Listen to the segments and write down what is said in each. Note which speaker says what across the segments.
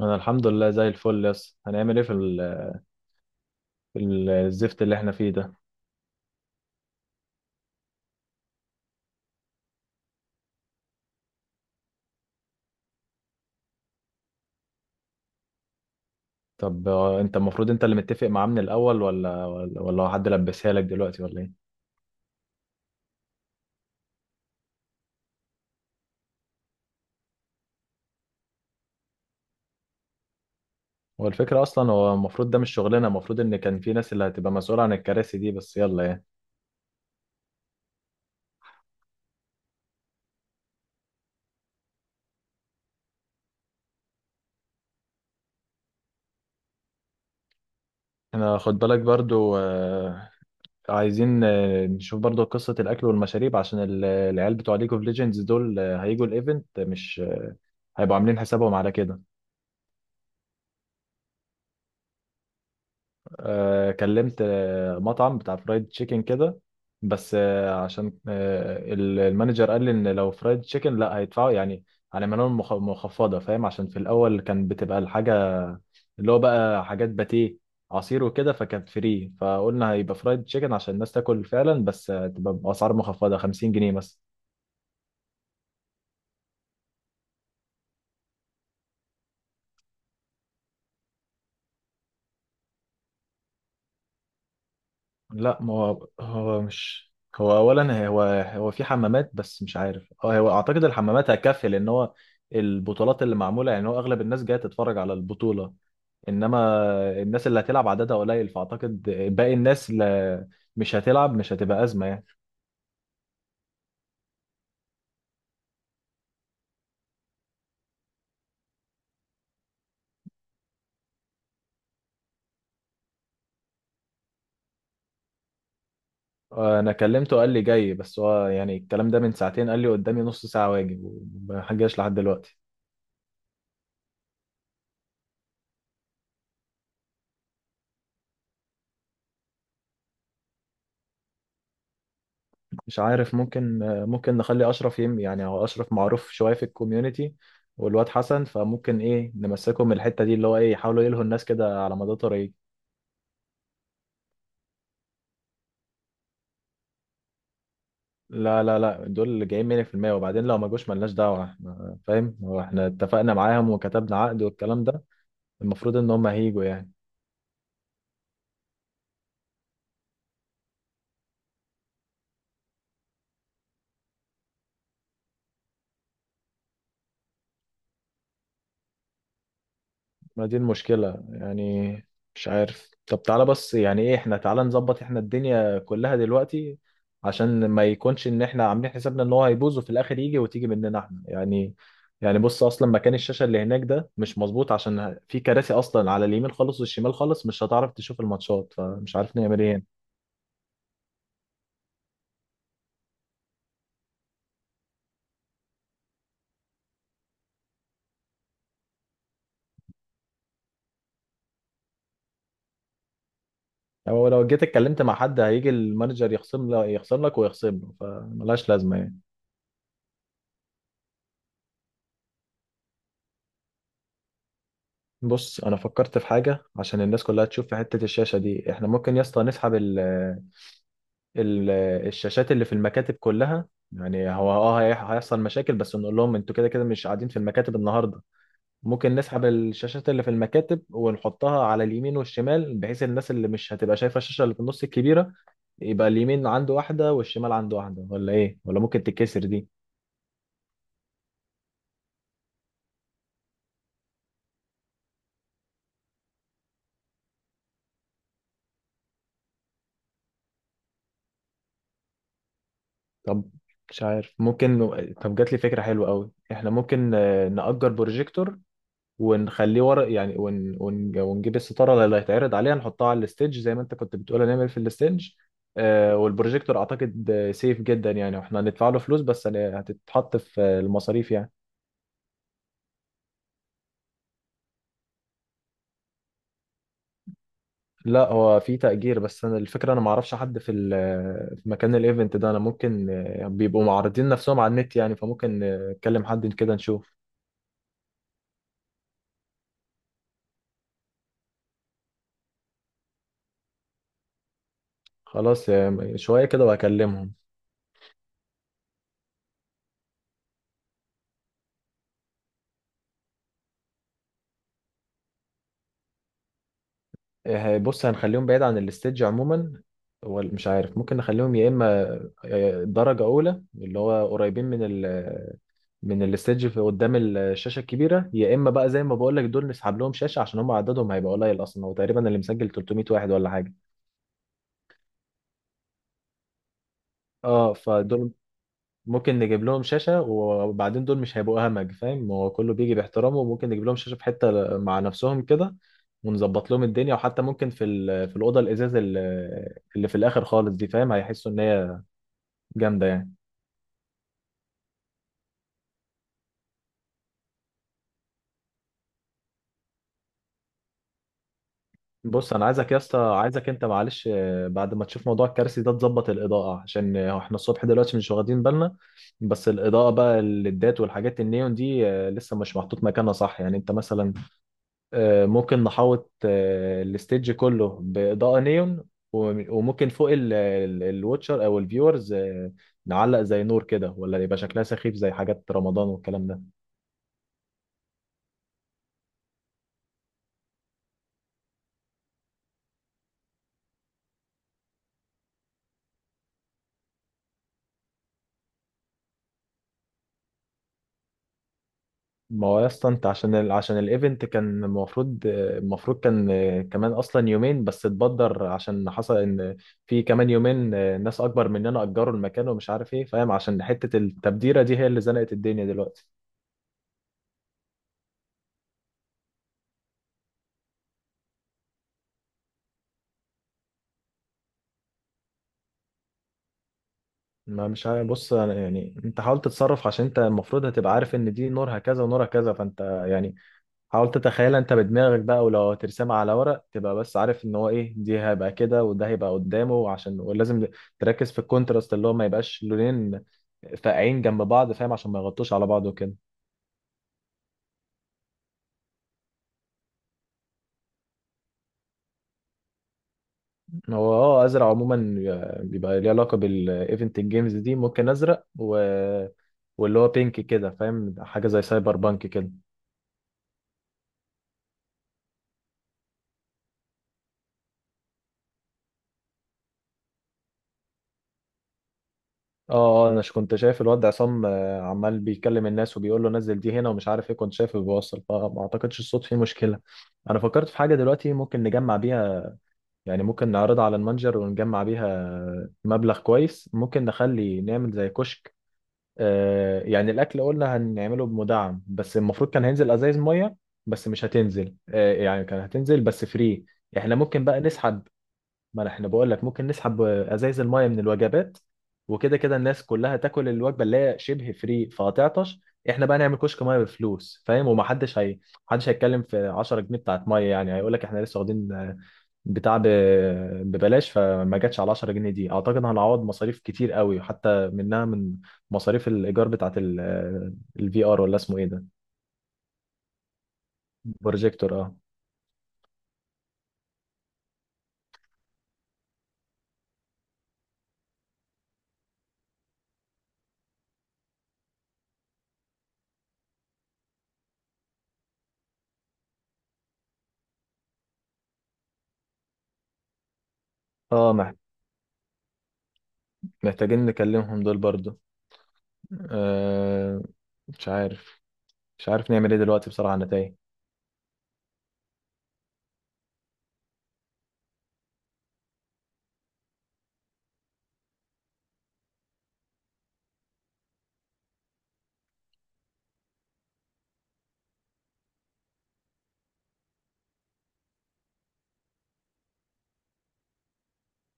Speaker 1: انا الحمد لله زي الفل. يس هنعمل ايه في الزفت اللي احنا فيه ده؟ طب انت المفروض انت اللي متفق معاه من الاول ولا هو حد لبسها لك دلوقتي ولا ايه؟ هو الفكره اصلا، هو المفروض ده مش شغلنا، المفروض ان كان في ناس اللي هتبقى مسؤوله عن الكراسي دي، بس يلا يعني. احنا خد بالك برضو عايزين نشوف برضو قصه الاكل والمشاريب عشان العيال بتوع ليج اوف ليجندز دول هيجوا الايفنت، مش هيبقوا عاملين حسابهم على كده. كلمت مطعم بتاع فرايد تشيكن كده. بس عشان المانجر قال لي ان لو فرايد تشيكن لا هيدفعوا يعني، هنعمل لهم مخفضه، فاهم؟ عشان في الاول كان بتبقى الحاجه اللي هو بقى حاجات باتيه، عصير وكده، فكانت فري، فقلنا هيبقى فرايد تشيكن عشان الناس تاكل فعلا، بس تبقى باسعار مخفضه، 50 جنيه مثلا. لا، ما هو هو مش هو اولا هو هو في حمامات، بس مش عارف، اه هو اعتقد الحمامات هتكفي، لان هو البطولات اللي معموله، يعني هو اغلب الناس جايه تتفرج على البطوله، انما الناس اللي هتلعب عددها قليل، فاعتقد باقي الناس اللي مش هتلعب مش هتبقى ازمه يعني. انا كلمته قال لي جاي، بس هو يعني الكلام ده من ساعتين، قال لي قدامي نص ساعه واجي وما جاش لحد دلوقتي. مش عارف، ممكن نخلي اشرف يعني هو اشرف معروف شويه في الكوميونتي، والواد حسن، فممكن ايه نمسكهم من الحته دي اللي هو ايه، يحاولوا يلهوا الناس كده على مدى طريق. لا لا لا، دول اللي جايين 100%، وبعدين لو ما جوش ملناش دعوه، احنا فاهم، هو احنا اتفقنا معاهم وكتبنا عقد والكلام ده، المفروض ان هم هيجوا يعني. ما دي المشكلة يعني، مش عارف. طب تعالى بس يعني ايه، احنا تعالى نظبط احنا الدنيا كلها دلوقتي عشان ما يكونش ان احنا عاملين حسابنا ان هو هيبوظ، وفي الاخر يجي وتيجي مننا احنا يعني. يعني بص، اصلا مكان الشاشة اللي هناك ده مش مظبوط، عشان في كراسي اصلا على اليمين خالص والشمال خالص مش هتعرف تشوف الماتشات، فمش عارف نعمل ايه هنا. يعني هو لو جيت اتكلمت مع حد هيجي المانجر يخصم لك، ويخصم له، فملهاش لازمة يعني. بص انا فكرت في حاجه عشان الناس كلها تشوف في حته الشاشه دي، احنا ممكن يا اسطى نسحب ال الشاشات اللي في المكاتب كلها. يعني هو اه هيحصل مشاكل، بس نقول لهم انتوا كده كده مش قاعدين في المكاتب النهارده. ممكن نسحب الشاشات اللي في المكاتب ونحطها على اليمين والشمال، بحيث الناس اللي مش هتبقى شايفه الشاشه اللي في النص الكبيره، يبقى اليمين عنده واحده والشمال عنده واحده. ولا ايه، ولا ممكن تتكسر دي؟ طب مش عارف. ممكن، طب جات لي فكره حلوه قوي، احنا ممكن نأجر بروجيكتور، ونخليه ورق يعني، ونجيب الستاره اللي هيتعرض عليها نحطها على الستيج زي ما انت كنت بتقول هنعمل في الستيج. آه، والبروجيكتور اعتقد سيف جدا يعني، واحنا هندفع له فلوس، بس هتتحط في المصاريف يعني. لا هو في تأجير، بس انا الفكره انا ما اعرفش حد في ال... في مكان الايفنت ده. انا ممكن بيبقوا معرضين نفسهم على النت يعني، فممكن نكلم حد كده نشوف. خلاص شويه كده وهكلمهم. إيه، بص هنخليهم بعيد عن الستيج عموما. هو مش عارف، ممكن نخليهم يا اما درجه اولى اللي هو قريبين من من الستيج في قدام الشاشه الكبيره، يا اما بقى زي ما بقول لك دول نسحب لهم شاشه عشان هم عددهم هيبقى قليل اصلا. هو تقريبا اللي مسجل 300 واحد ولا حاجه. اه، فدول ممكن نجيب لهم شاشة. وبعدين دول مش هيبقوا همج، فاهم، هو كله بيجي باحترامه، وممكن نجيب لهم شاشة في حتة مع نفسهم كده ونظبط لهم الدنيا. وحتى ممكن في الأوضة الإزاز اللي في الآخر خالص دي، فاهم، هيحسوا إن هي جامدة يعني. بص أنا عايزك يا اسطى، أنت معلش بعد ما تشوف موضوع الكرسي ده تظبط الإضاءة عشان إحنا الصبح دلوقتي مش واخدين بالنا، بس الإضاءة بقى الليدات والحاجات النيون دي لسه مش محطوط مكانها صح يعني. أنت مثلا ممكن نحوط الستيج كله بإضاءة نيون، وممكن فوق الواتشر أو الفيورز نعلق زي نور كده، ولا يبقى شكلها سخيف زي حاجات رمضان والكلام ده. ما هو يا اسطى انت عشان عشان الايفنت كان المفروض كان كمان اصلا يومين، بس اتبدر عشان حصل ان في كمان يومين ناس اكبر مننا اجروا المكان ومش عارف ايه، فاهم، عشان حتة التبديرة دي هي اللي زنقت الدنيا دلوقتي. ما مش عارف. بص أنا يعني انت حاول تتصرف عشان انت المفروض هتبقى عارف ان دي نورها كذا ونورها كذا، فانت يعني حاول تتخيلها انت بدماغك بقى، ولو هترسمها على ورق تبقى بس عارف ان هو ايه، دي هيبقى كده وده هيبقى قدامه. عشان ولازم تركز في الكونتراست اللي هو ما يبقاش لونين فاقعين جنب بعض، فاهم، عشان ما يغطوش على بعض وكده. هو اه ازرق عموما بيبقى ليه علاقة بالايفنت الجيمز دي، ممكن ازرق و... واللي هو بينك كده، فاهم، حاجة زي سايبر بانك كده. اه اه انا كنت شايف الواد عصام عمال بيكلم الناس وبيقول له نزل دي هنا ومش عارف ايه، كنت شايفه بيوصل، فما اعتقدش الصوت فيه مشكلة. انا فكرت في حاجة دلوقتي ممكن نجمع بيها، يعني ممكن نعرضها على المتجر ونجمع بيها مبلغ كويس. ممكن نخلي نعمل زي كشك يعني الاكل قلنا هنعمله بمدعم، بس المفروض كان هينزل ازايز مية، بس مش هتنزل يعني كان هتنزل بس فري. احنا ممكن بقى نسحب، ما احنا بقول لك ممكن نسحب ازايز المايه من الوجبات، وكده كده الناس كلها تاكل الوجبه اللي هي شبه فري، فهتعطش. احنا بقى نعمل كشك مايه بفلوس، فاهم، ومحدش هي محدش هيتكلم في 10 جنيه بتاعت مايه، يعني هيقول لك احنا لسه واخدين بتاع ب- ببلاش، فما جاتش على 10 جنيه دي. اعتقد هنعوض مصاريف كتير قوي حتى منها، من مصاريف الايجار بتاعت الفي ار ولا اسمه ايه ده، بروجيكتور اه. اه مح- محتاجين نكلمهم دول برضو. آه مش عارف، مش عارف نعمل ايه دلوقتي بصراحة، انا تايه.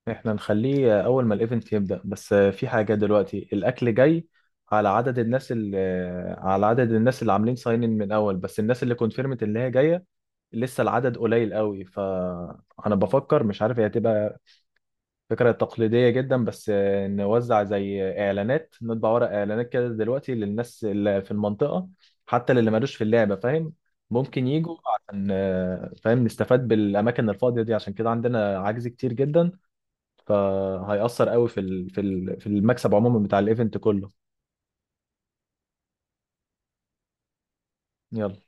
Speaker 1: احنا نخليه اول ما الايفنت يبدأ، بس في حاجة دلوقتي، الاكل جاي على عدد الناس اللي عاملين ساين ان من اول، بس الناس اللي كونفيرمت اللي هي جاية لسه العدد قليل قوي، فانا بفكر مش عارف هي هتبقى فكرة تقليدية جدا، بس نوزع زي إعلانات، نطبع ورق إعلانات كده دلوقتي للناس اللي في المنطقة حتى اللي مالوش في اللعبة، فاهم، ممكن يجوا عشان فاهم نستفاد بالأماكن الفاضية دي، عشان كده عندنا عجز كتير جدا، فهيأثر قوي في المكسب عموما بتاع الإيفنت كله. يلا.